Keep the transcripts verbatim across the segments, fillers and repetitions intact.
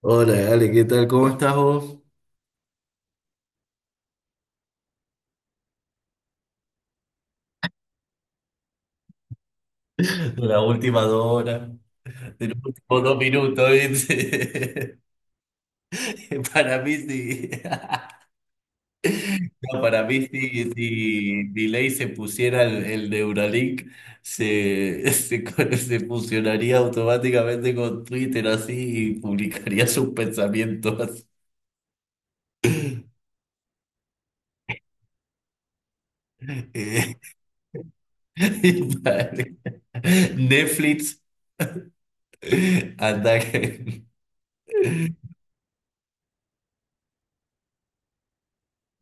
Hola, Ale, ¿qué tal? ¿Cómo estás vos? La última dos horas, de los últimos dos minutos, ¿viste? Para mí sí. No, para mí sí, si Delay se pusiera el, el Neuralink, se, se, con- se fusionaría automáticamente con Twitter así y publicaría sus pensamientos. Eh, Netflix, anda. que-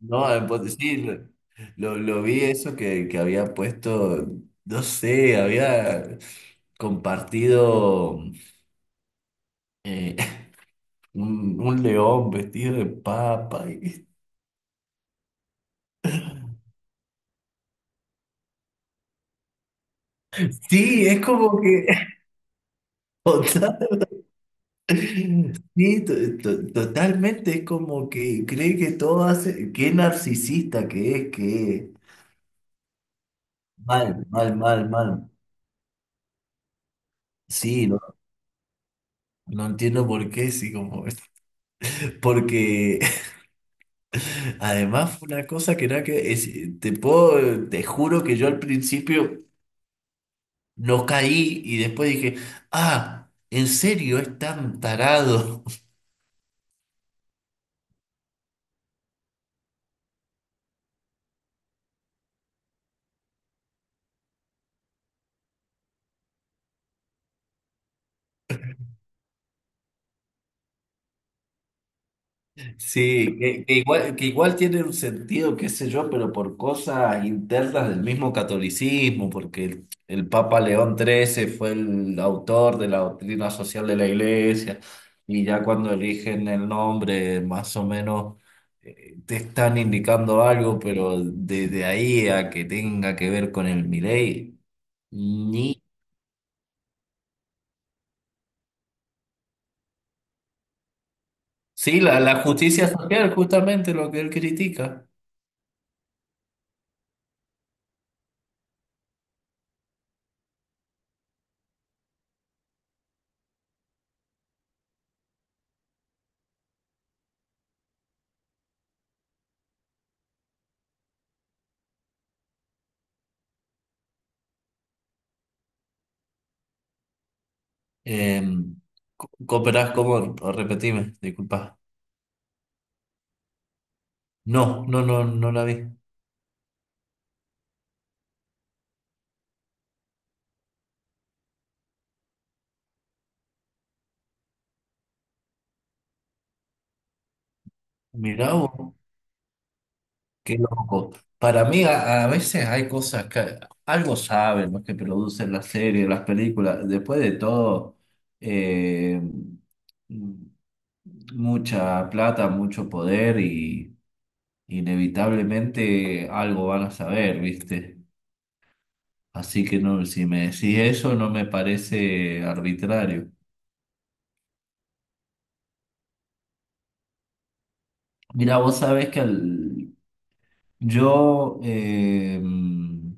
No, eh, pues, sí, lo, lo- lo vi eso que, que había puesto, no sé, había compartido eh, un, un león vestido de papa. y- Sí, es como que... total- sí, to- to- totalmente, es como que cree que todo hace... Qué narcisista que es, que... Mal, mal, mal, mal. Sí, no, no entiendo por qué, sí, como... Porque... Además, fue una cosa que nada que es- te puedo, te juro que yo al principio no caí y después dije, ah, ¿en serio es tan tarado? Sí, que, que igual, que igual tiene un sentido, qué sé yo, pero por cosas internas del mismo catolicismo, porque el, el Papa León trece fue el autor de la doctrina social de la Iglesia, y ya cuando eligen el nombre, más o menos eh, te están indicando algo, pero desde ahí a que tenga que ver con el Milei, ni... Sí, la, la justicia social, justamente lo que él critica. Eh, co- ¿Cooperás cómo? Repetime, disculpa. No, no, no, no la vi. Mirá vos, qué loco. Para mí a, a veces hay cosas que algo saben los que producen las series, las películas. Después de todo, eh, mm, mucha plata, mucho poder y inevitablemente algo van a saber, ¿viste? Así que no, si me decís eso no me parece arbitrario. Mira, vos sabés que al- yo eh, mm,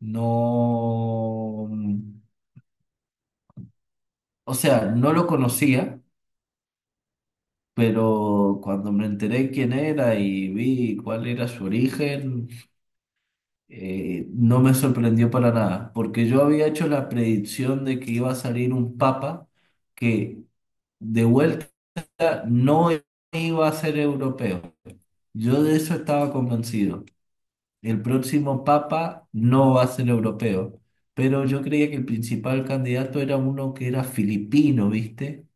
no, mm, o sea, no lo conocía, pero cuando me enteré quién era y vi cuál era su origen, eh, no me sorprendió para nada, porque yo había hecho la predicción de que iba a salir un papa que de vuelta no iba a ser europeo. Yo de eso estaba convencido. El próximo papa no va a ser europeo, pero yo creía que el principal candidato era uno que era filipino, ¿viste?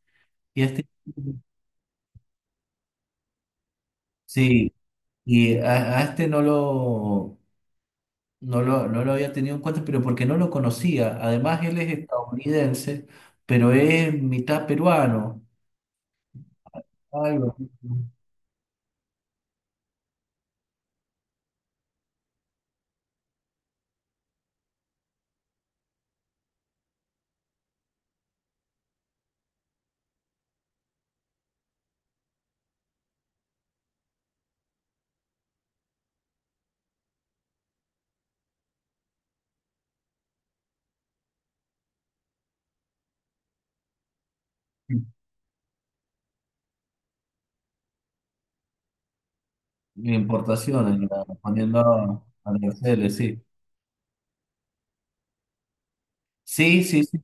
Y a este, sí, y a, a este no lo, no lo, no lo había tenido en cuenta, pero porque no lo conocía. Además, él es estadounidense, pero es mitad peruano, algo así, ¿no? Importaciones, la- poniendo aranceles, sí. Sí, sí, sí.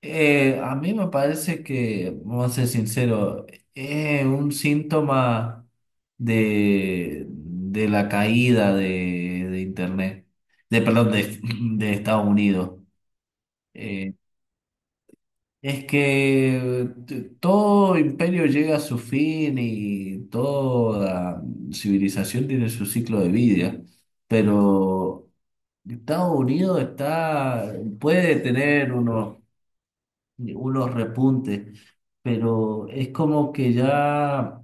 Eh, a mí me parece que, vamos a ser sincero, es un síntoma de, de la caída de, de Internet, de, perdón, de, de Estados Unidos. Eh, es que t- todo imperio llega a su fin y toda civilización tiene su ciclo de vida, pero Estados Unidos está, puede tener unos unos repuntes, pero es como que ya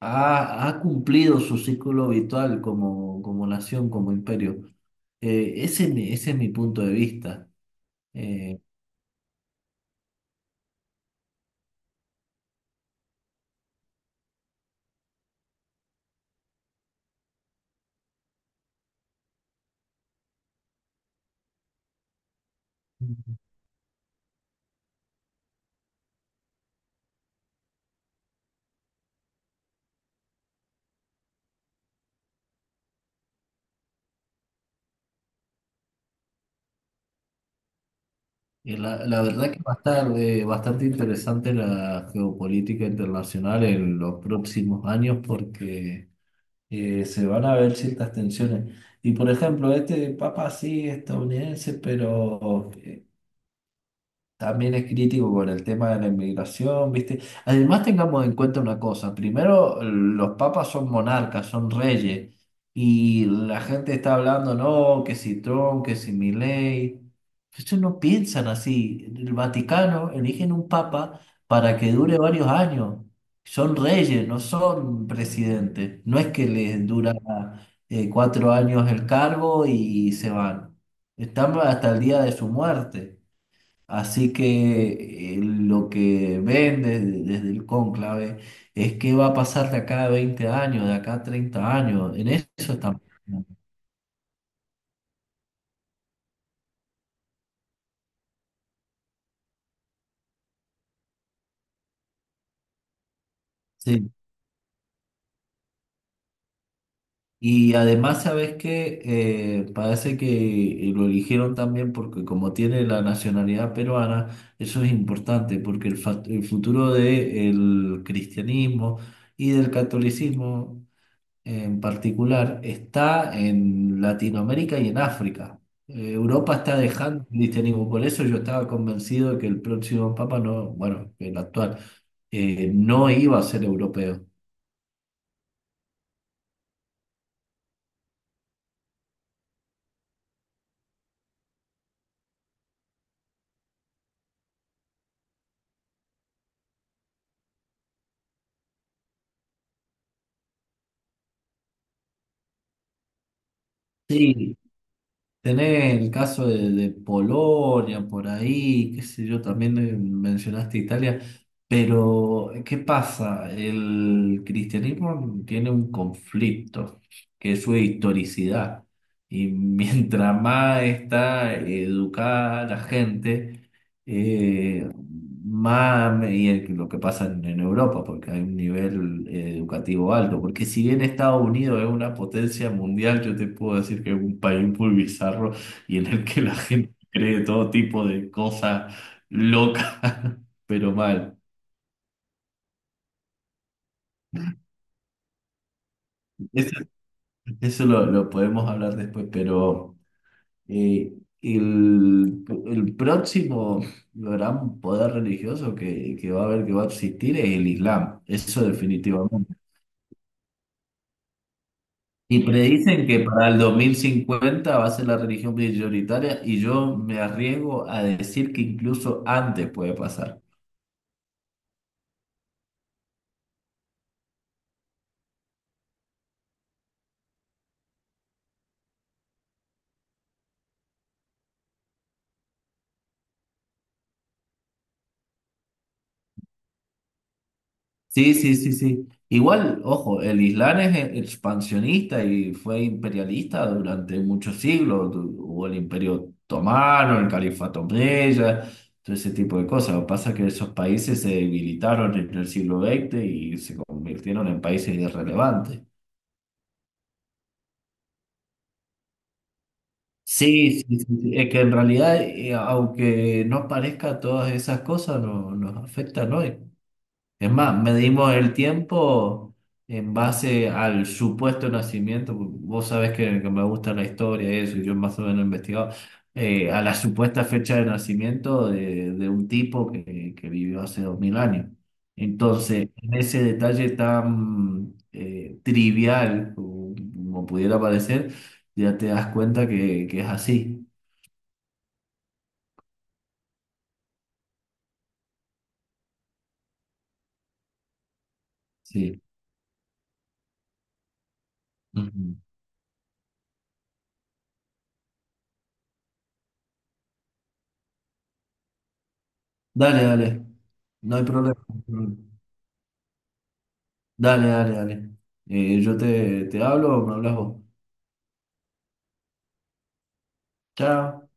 ha, ha cumplido su ciclo habitual como, como nación, como imperio. Eh, ese, es mi- ese es mi punto de vista. Eh, y la, la verdad que va a estar eh, bastante interesante la geopolítica internacional en los próximos años porque eh, se van a ver ciertas tensiones. Y por ejemplo, este papa sí estadounidense, pero eh, también es crítico con el tema de la inmigración, ¿viste? Además, tengamos en cuenta una cosa. Primero, los papas son monarcas, son reyes. Y la gente está hablando, no, que si Trump, que si Milei. Ellos no piensan así. El Vaticano eligen un papa para que dure varios años. Son reyes, no son presidentes. No es que les dura eh, cuatro años el cargo y se van. Están hasta el día de su muerte. Así que eh, lo que ven desde, desde el cónclave es qué va a pasar de acá a veinte años, de acá a treinta años. En eso estamos. Sí. Y además, ¿sabes qué? Eh, parece que lo eligieron también porque como tiene la nacionalidad peruana, eso es importante, porque el, fa- el futuro del cristianismo y del catolicismo en particular está en Latinoamérica y en África. Eh, Europa está dejando el cristianismo, por eso yo estaba convencido de que el próximo papa no, bueno, el actual, eh, no iba a ser europeo. Sí, tenés el caso de, de Polonia por ahí, qué sé yo, también eh, mencionaste Italia, pero ¿qué pasa? El cristianismo tiene un conflicto, que es su historicidad, y mientras más está educada la gente, eh, más y el- lo que pasa en, en Europa, porque hay un nivel eh, educativo alto. Porque si bien Estados Unidos es una potencia mundial, yo te puedo decir que es un país muy bizarro y en el que la gente cree todo tipo de cosas locas, pero mal. Eso, eso lo, lo podemos hablar después, pero eh, el, el próximo gran poder religioso que, que va a haber, que va a existir, es el Islam. Eso definitivamente. Y predicen que para el dos mil cincuenta va a ser la religión prioritaria y yo me arriesgo a decir que incluso antes puede pasar. Sí, sí, sí, sí. Igual, ojo, el Islam es e- expansionista y fue imperialista durante muchos siglos. Du- Hubo el Imperio Otomano, el Califato Omeya, todo ese tipo de cosas. Lo que pasa es que esos países se debilitaron en el siglo veinte y se convirtieron en países irrelevantes. Sí, sí, sí, sí, es que en realidad, eh, aunque no parezca todas esas cosas, no, nos afectan, ¿no? Es más, medimos el tiempo en base al supuesto nacimiento. Vos sabés que, que me gusta la historia y eso, y yo más o menos he investigado. eh, a la supuesta fecha de nacimiento de, de un tipo que, que vivió hace dos mil años. Entonces, en ese detalle tan eh, trivial como, como pudiera parecer, ya te das cuenta que, que es así. Sí. Ujú. Dale, dale. No hay problema. Dale, dale, dale. Eh, yo te, te hablo o me hablas vos. Chao.